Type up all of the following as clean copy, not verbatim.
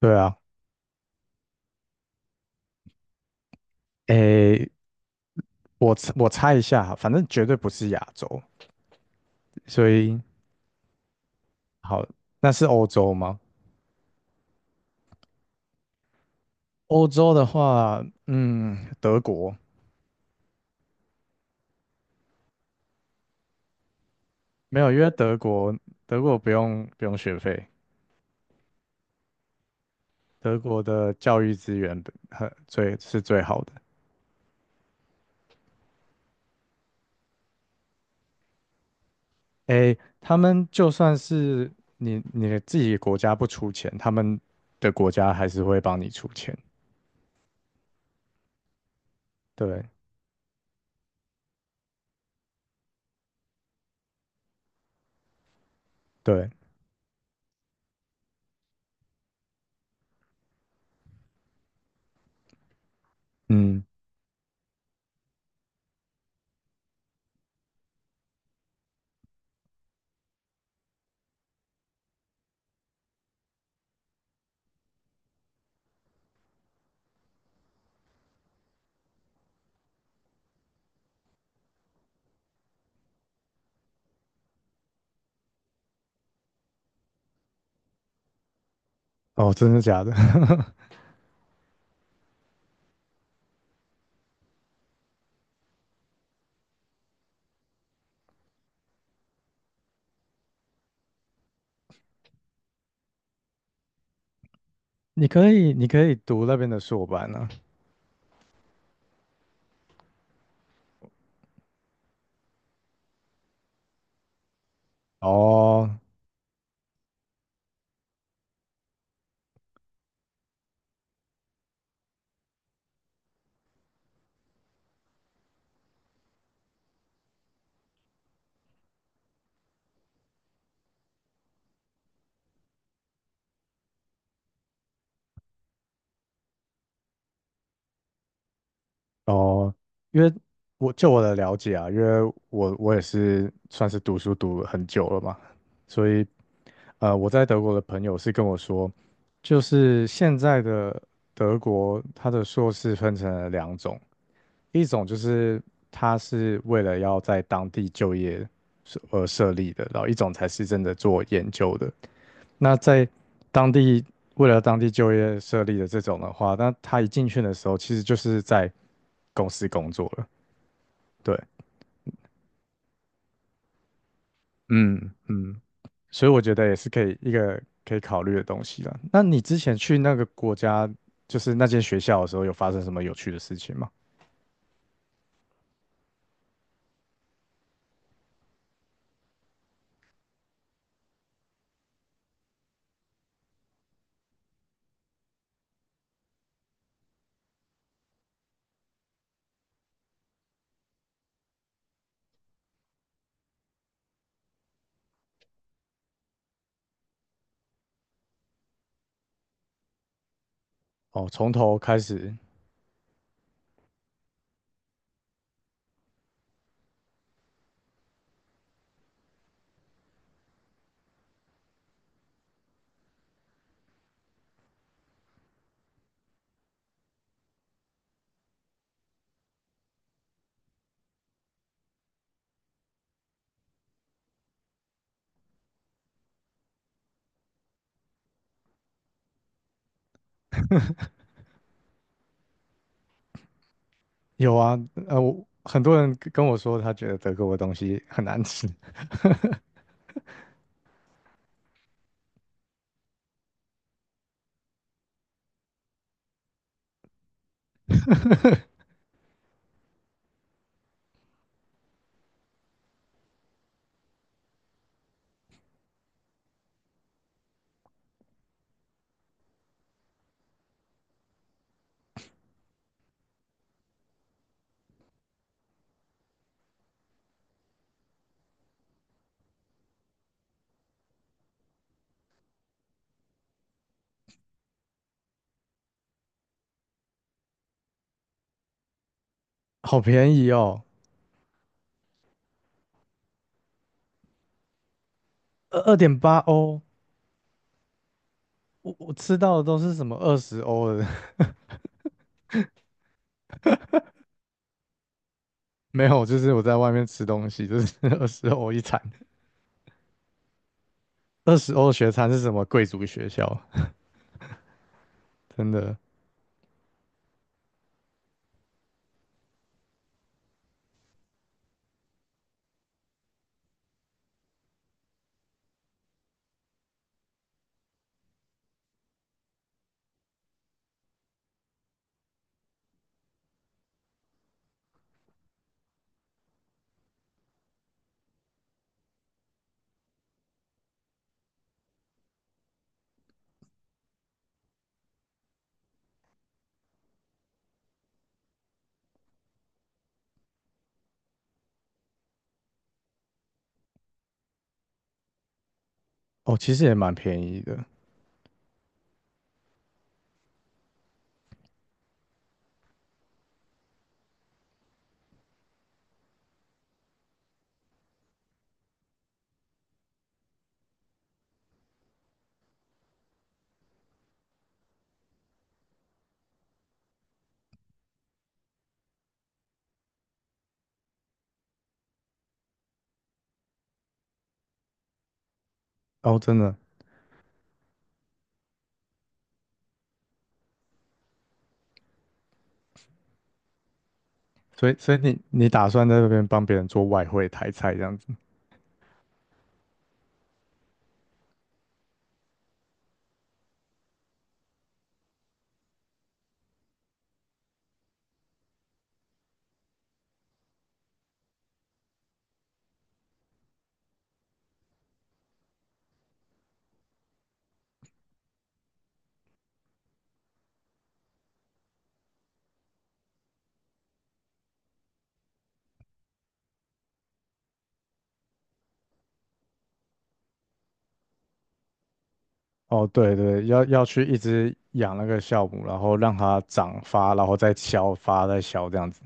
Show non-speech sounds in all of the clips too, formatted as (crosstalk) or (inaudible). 对啊，诶，我猜一下，反正绝对不是亚洲，所以好，那是欧洲吗？欧洲的话，德国。没有，因为德国不用学费，德国的教育资源很最是最好的。诶，他们就算是你自己国家不出钱，他们的国家还是会帮你出钱。对对，嗯。哦，真的假的？(laughs) 你可以读那边的硕班啊。哦哦，因为就我的了解啊，因为我也是算是读书读了很久了嘛，所以我在德国的朋友是跟我说，就是现在的德国，它的硕士分成了2种，一种就是它是为了要在当地就业设立的，然后一种才是真的做研究的。那在当地为了当地就业设立的这种的话，那他一进去的时候，其实就是在公司工作了。对，嗯嗯。所以我觉得也是可以考虑的东西了。那你之前去那个国家，就是那间学校的时候，有发生什么有趣的事情吗？哦，从头开始。有啊，很多人跟我说他觉得德国的东西很难吃，(laughs) 好便宜哦。二点八欧。我吃到的都是什么二十欧的。没有，就是我在外面吃东西，就是 (laughs) 20欧一餐。20欧学餐是什么贵族学校？真的哦，其实也蛮便宜的。哦，真的。所以，所以你打算在那边帮别人做外汇台菜这样子？哦，对对，要去一直养那个酵母，然后让它长发，然后再消发，再消这样子。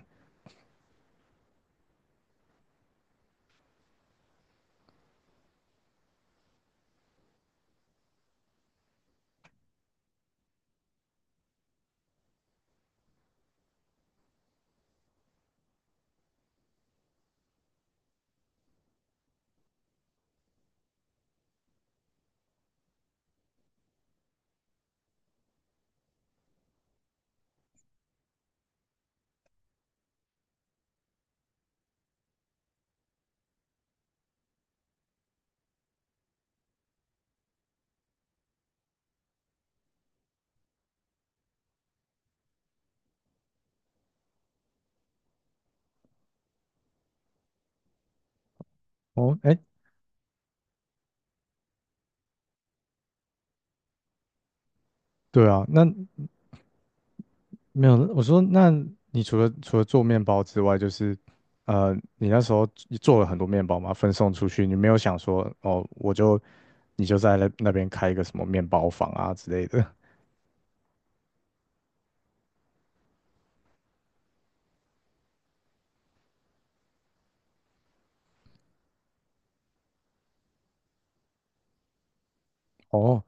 哦，哎，对啊。那没有，我说那你除了做面包之外，就是你那时候做了很多面包嘛，分送出去，你没有想说哦，你就在那边开一个什么面包房啊之类的。哦，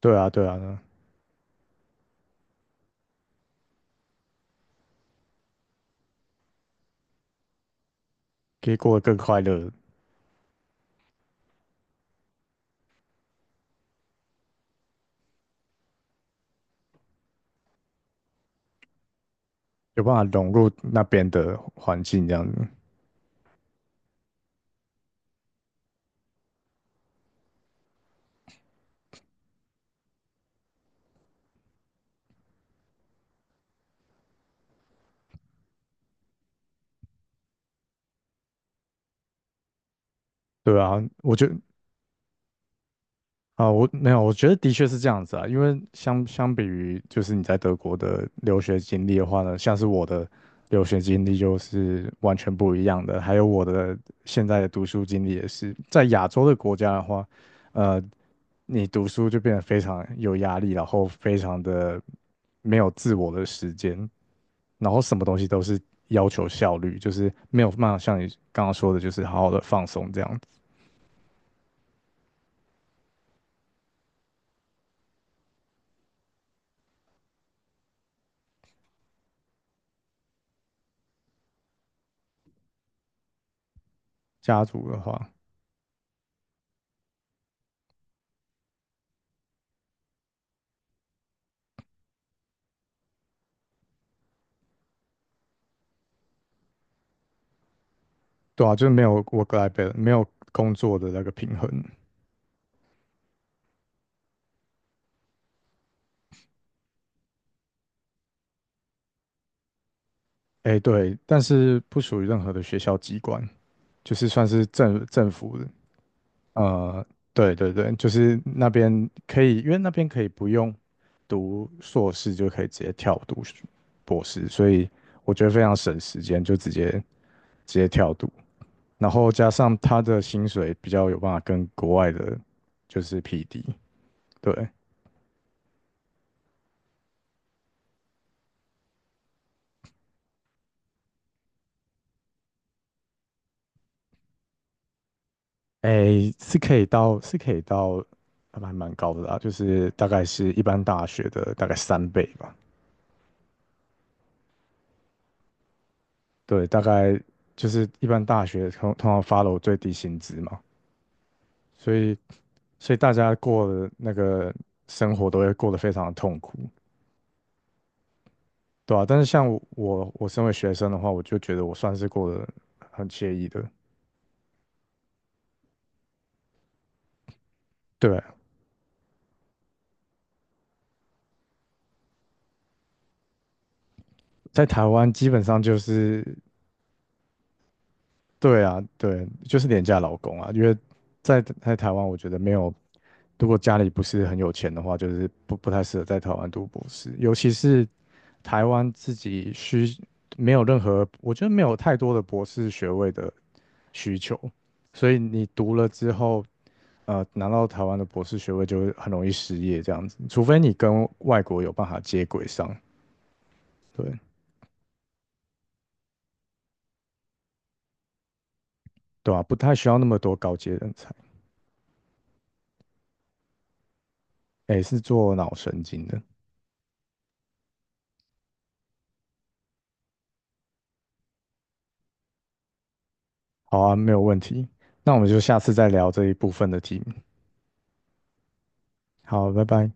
对啊，对啊，可以过得更快乐，有办法融入那边的环境这样子。对啊，我觉得啊，我没有，我觉得的确是这样子啊，因为相比于就是你在德国的留学经历的话呢，像是我的留学经历就是完全不一样的，还有我的现在的读书经历也是，在亚洲的国家的话，呃，你读书就变得非常有压力，然后非常的没有自我的时间，然后什么东西都是要求效率，就是没有办法像你刚刚说的，就是好好的放松这样子。家族的话。对啊，就是没有 work-life balance,没有工作的那个平衡。哎，对，但是不属于任何的学校机关，就是算是政府的。呃，对对对，就是那边可以，因为那边可以不用读硕士就可以直接跳读博士，所以我觉得非常省时间，就直接跳读。然后加上他的薪水比较有办法跟国外的，就是匹敌。对，诶，是可以到还蛮高的啦，就是大概是一般大学的大概3倍吧。对，大概就是一般大学通常 follow 最低薪资嘛，所以所以大家过的那个生活都会过得非常的痛苦。对啊，但是像我身为学生的话，我就觉得我算是过得很惬意的。对啊，在台湾基本上就是。对啊，对，就是廉价劳工啊，因为在台湾，我觉得没有，如果家里不是很有钱的话，就是不太适合在台湾读博士，尤其是台湾自己没有任何，我觉得没有太多的博士学位的需求，所以你读了之后，拿到台湾的博士学位就会很容易失业这样子，除非你跟外国有办法接轨上，对。对啊，不太需要那么多高阶人才。诶，是做脑神经的。好啊，没有问题。那我们就下次再聊这一部分的题目。好，拜拜。